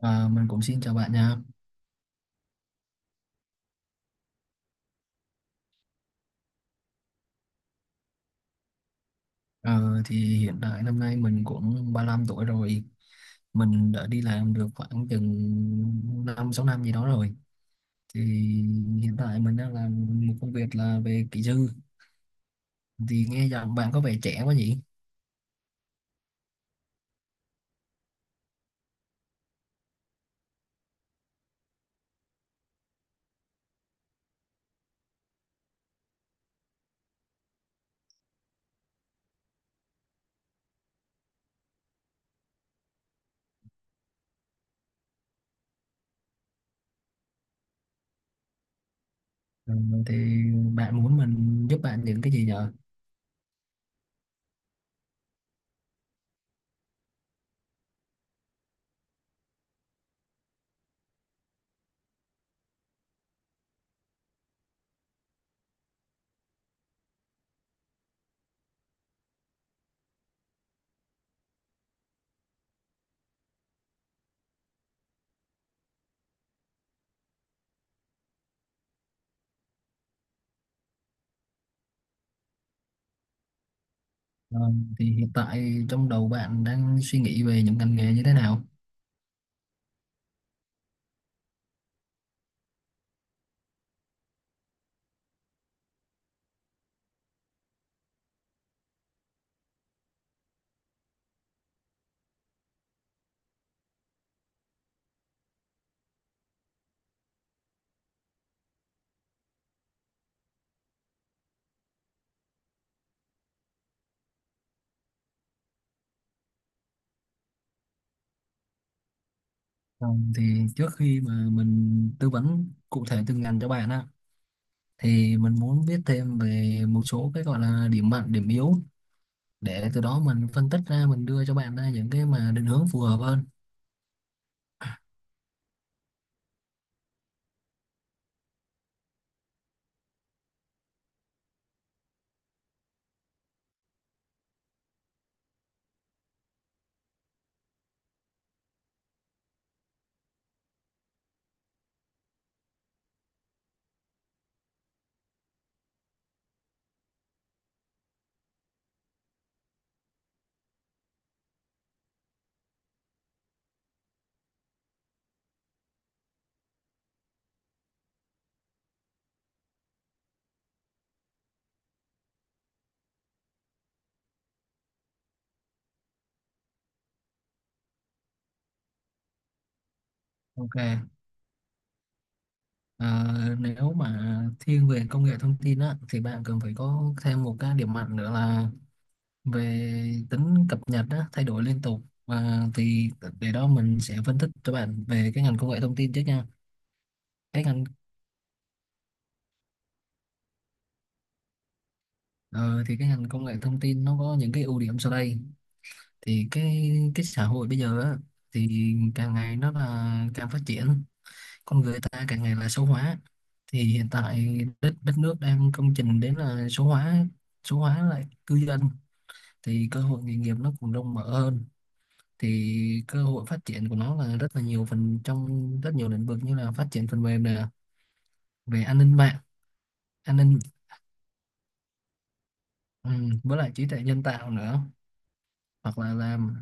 À, mình cũng xin chào bạn nha. Ờ, thì hiện tại năm nay mình cũng 35 tuổi rồi. Mình đã đi làm được khoảng chừng 5-6 năm gì đó rồi. Thì hiện tại mình đang làm một công việc là về kỹ sư. Thì nghe giọng bạn có vẻ trẻ quá nhỉ? Ờ, thì bạn muốn mình giúp bạn những cái gì nhờ? Ờ, thì hiện tại trong đầu bạn đang suy nghĩ về những ngành nghề như thế nào? Ờ, thì trước khi mà mình tư vấn cụ thể từng ngành cho bạn á, thì mình muốn biết thêm về một số cái gọi là điểm mạnh điểm yếu, để từ đó mình phân tích ra mình đưa cho bạn ra những cái mà định hướng phù hợp hơn. Ok. À, nếu mà thiên về công nghệ thông tin á thì bạn cần phải có thêm một cái điểm mạnh nữa là về tính cập nhật á, thay đổi liên tục, và thì để đó mình sẽ phân tích cho bạn về cái ngành công nghệ thông tin trước nha. Cái ngành ờ, thì cái ngành công nghệ thông tin nó có những cái ưu điểm sau đây. Thì cái xã hội bây giờ á, thì càng ngày nó là càng phát triển, con người ta càng ngày là số hóa. Thì hiện tại đất đất nước đang công trình đến là số hóa, số hóa lại cư dân. Thì cơ hội nghề nghiệp nó cũng rộng mở hơn. Thì cơ hội phát triển của nó là rất là nhiều phần trong rất nhiều lĩnh vực, như là phát triển phần mềm nè, về an ninh mạng, an ninh ừ, với lại trí tuệ nhân tạo nữa, hoặc là làm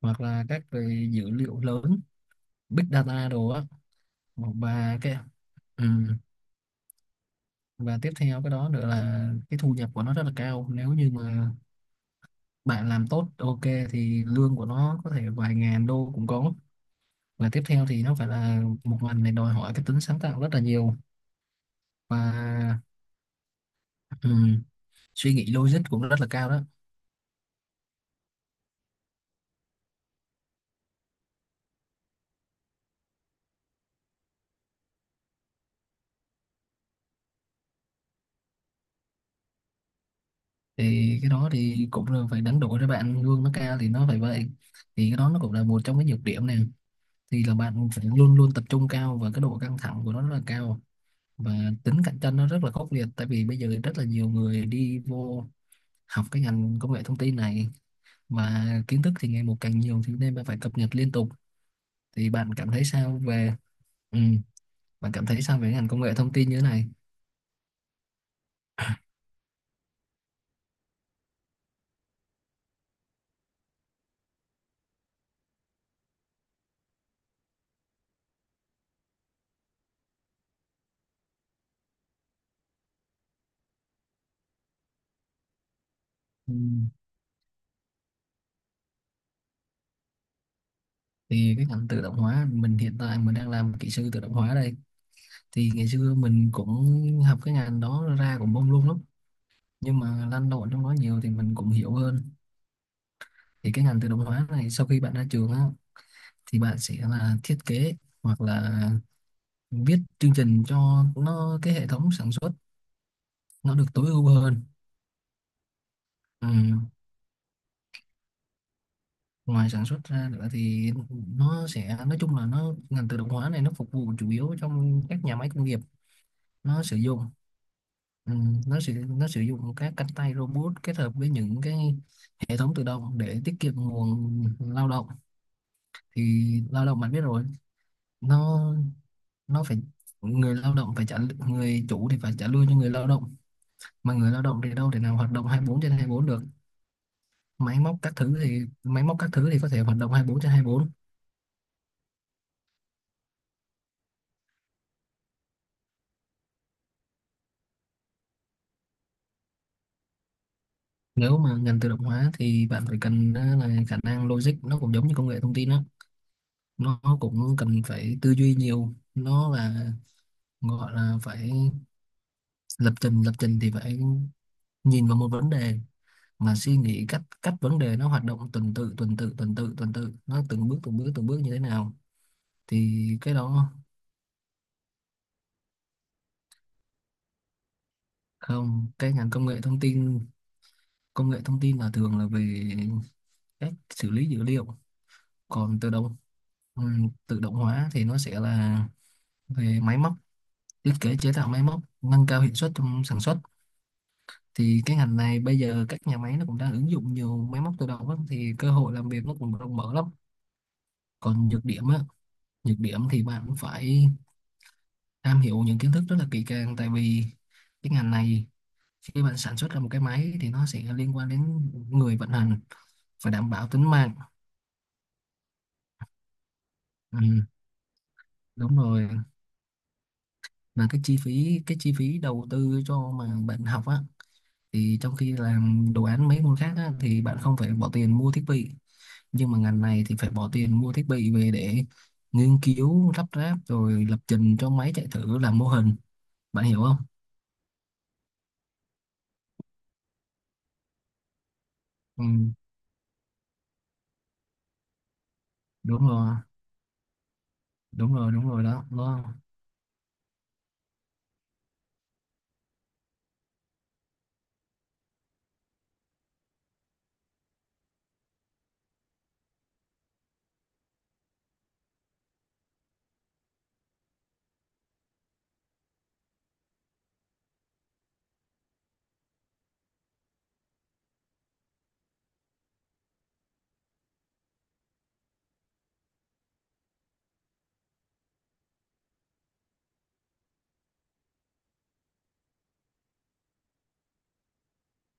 hoặc là các về dữ liệu lớn, big data đồ á. Và cái ừ. Và tiếp theo cái đó nữa là cái thu nhập của nó rất là cao, nếu như mà bạn làm tốt, ok, thì lương của nó có thể vài ngàn đô cũng có. Và tiếp theo thì nó phải là một ngành này đòi hỏi cái tính sáng tạo rất là nhiều, và ừm, suy nghĩ logic cũng rất là cao đó. Thì cái đó thì cũng là phải đánh đổi, cho bạn lương nó cao thì nó phải vậy. Thì cái đó nó cũng là một trong cái nhược điểm này, thì là bạn phải luôn luôn tập trung cao và cái độ căng thẳng của nó rất là cao, và tính cạnh tranh nó rất là khốc liệt, tại vì bây giờ rất là nhiều người đi vô học cái ngành công nghệ thông tin này, mà kiến thức thì ngày một càng nhiều thì nên bạn phải cập nhật liên tục. Thì bạn cảm thấy sao về ừ, bạn cảm thấy sao về ngành công nghệ thông tin như thế này? Ừ. Thì cái ngành tự động hóa, mình hiện tại mình đang làm kỹ sư tự động hóa đây. Thì ngày xưa mình cũng học cái ngành đó ra cũng bông luôn lắm, nhưng mà lăn lộn trong đó nhiều thì mình cũng hiểu hơn. Thì cái ngành tự động hóa này sau khi bạn ra trường á thì bạn sẽ là thiết kế, hoặc là viết chương trình cho nó cái hệ thống sản xuất nó được tối ưu hơn. Ừ. Ngoài sản xuất ra nữa thì nó sẽ nói chung là nó, ngành tự động hóa này nó phục vụ chủ yếu trong các nhà máy công nghiệp. Nó sử dụng ừ, nó sử dụng các cánh tay robot kết hợp với những cái hệ thống tự động để tiết kiệm nguồn lao động. Thì lao động bạn biết rồi, nó nó phải người lao động phải trả, người chủ thì phải trả lương cho người lao động, mà người lao động thì đâu thể nào hoạt động 24/24 được. Máy móc các thứ thì máy móc các thứ thì có thể hoạt động 24/24. Nếu mà ngành tự động hóa thì bạn phải cần á, là khả năng logic nó cũng giống như công nghệ thông tin đó, nó cũng cần phải tư duy nhiều. Nó là gọi là phải lập trình, thì phải nhìn vào một vấn đề mà suy nghĩ cách cách vấn đề nó hoạt động tuần tự tuần tự tuần tự tuần tự, nó từng bước từng bước từng bước như thế nào. Thì cái đó không. Cái ngành công nghệ thông tin Công nghệ thông tin là thường là về cách xử lý dữ liệu. Còn tự động ừ, Tự động hóa thì nó sẽ là về máy móc, thiết kế chế tạo máy móc nâng cao hiệu suất trong sản xuất. Thì cái ngành này bây giờ các nhà máy nó cũng đang ứng dụng nhiều máy móc tự động á, thì cơ hội làm việc nó cũng rộng mở lắm. Còn nhược điểm á Nhược điểm thì bạn cũng phải am hiểu những kiến thức rất là kỹ càng, tại vì cái ngành này khi bạn sản xuất ra một cái máy thì nó sẽ liên quan đến người vận hành, phải đảm bảo tính mạng. Ừ, đúng rồi. Mà cái chi phí đầu tư cho mà bạn học á, thì trong khi làm đồ án mấy môn khác á, thì bạn không phải bỏ tiền mua thiết bị, nhưng mà ngành này thì phải bỏ tiền mua thiết bị về để nghiên cứu lắp ráp rồi lập trình cho máy chạy thử làm mô hình, bạn hiểu không? Ừ, đúng rồi, đúng rồi, đúng rồi đó đó.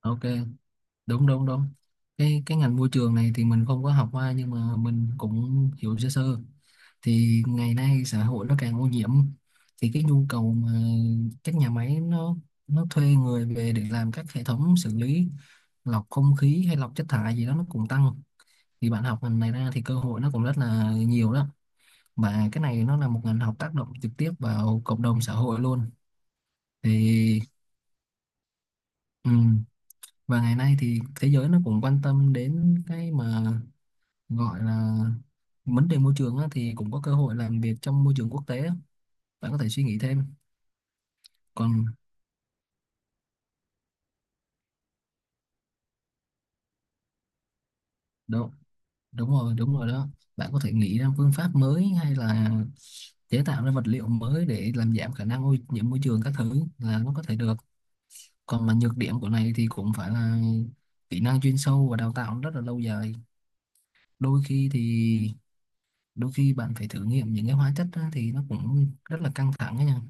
Ok, đúng, đúng, đúng. Cái ngành môi trường này thì mình không có học qua, nhưng mà mình cũng hiểu sơ sơ. Thì ngày nay xã hội nó càng ô nhiễm, thì cái nhu cầu mà các nhà máy nó thuê người về để làm các hệ thống xử lý, lọc không khí hay lọc chất thải gì đó, nó cũng tăng. Thì bạn học ngành này ra thì cơ hội nó cũng rất là nhiều đó. Và cái này nó là một ngành học tác động trực tiếp vào cộng đồng xã hội luôn. Thì ừm, và ngày nay thì thế giới nó cũng quan tâm đến cái mà gọi là vấn đề môi trường á, thì cũng có cơ hội làm việc trong môi trường quốc tế á. Bạn có thể suy nghĩ thêm. còn Đúng, đúng rồi, đúng rồi đó. Bạn có thể nghĩ ra phương pháp mới, hay là chế tạo ra vật liệu mới để làm giảm khả năng ô nhiễm môi trường các thứ, là nó có thể được. Còn mà nhược điểm của này thì cũng phải là kỹ năng chuyên sâu và đào tạo rất là lâu dài. đôi khi thì Đôi khi bạn phải thử nghiệm những cái hóa chất á, thì nó cũng rất là căng thẳng ấy nha.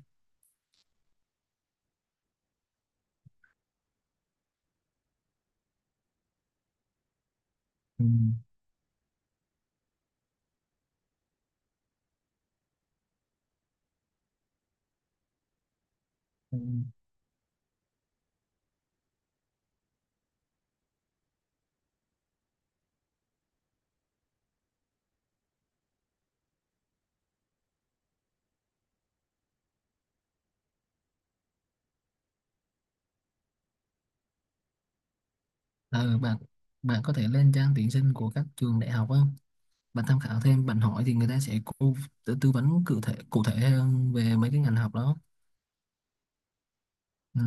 Ừ. Ừ. Ờ, bạn bạn có thể lên trang tuyển sinh của các trường đại học á, bạn tham khảo thêm, bạn hỏi thì người ta sẽ tư vấn cụ thể hơn về mấy cái ngành học đó. Ừ.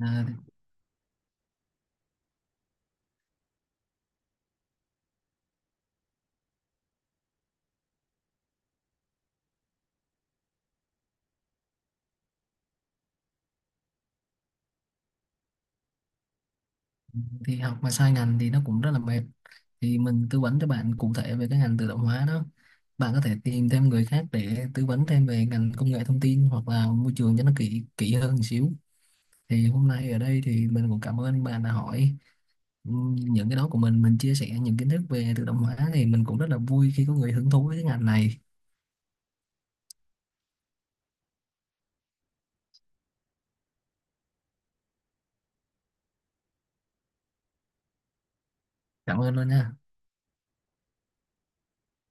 À, thì học mà sai ngành thì nó cũng rất là mệt. Thì mình tư vấn cho bạn cụ thể về cái ngành tự động hóa đó, bạn có thể tìm thêm người khác để tư vấn thêm về ngành công nghệ thông tin hoặc là môi trường cho nó kỹ kỹ hơn một xíu. Thì hôm nay ở đây thì mình cũng cảm ơn bạn đã hỏi những cái đó của Mình chia sẻ những kiến thức về tự động hóa thì mình cũng rất là vui khi có người hứng thú với cái ngành này. Cảm ơn luôn nha.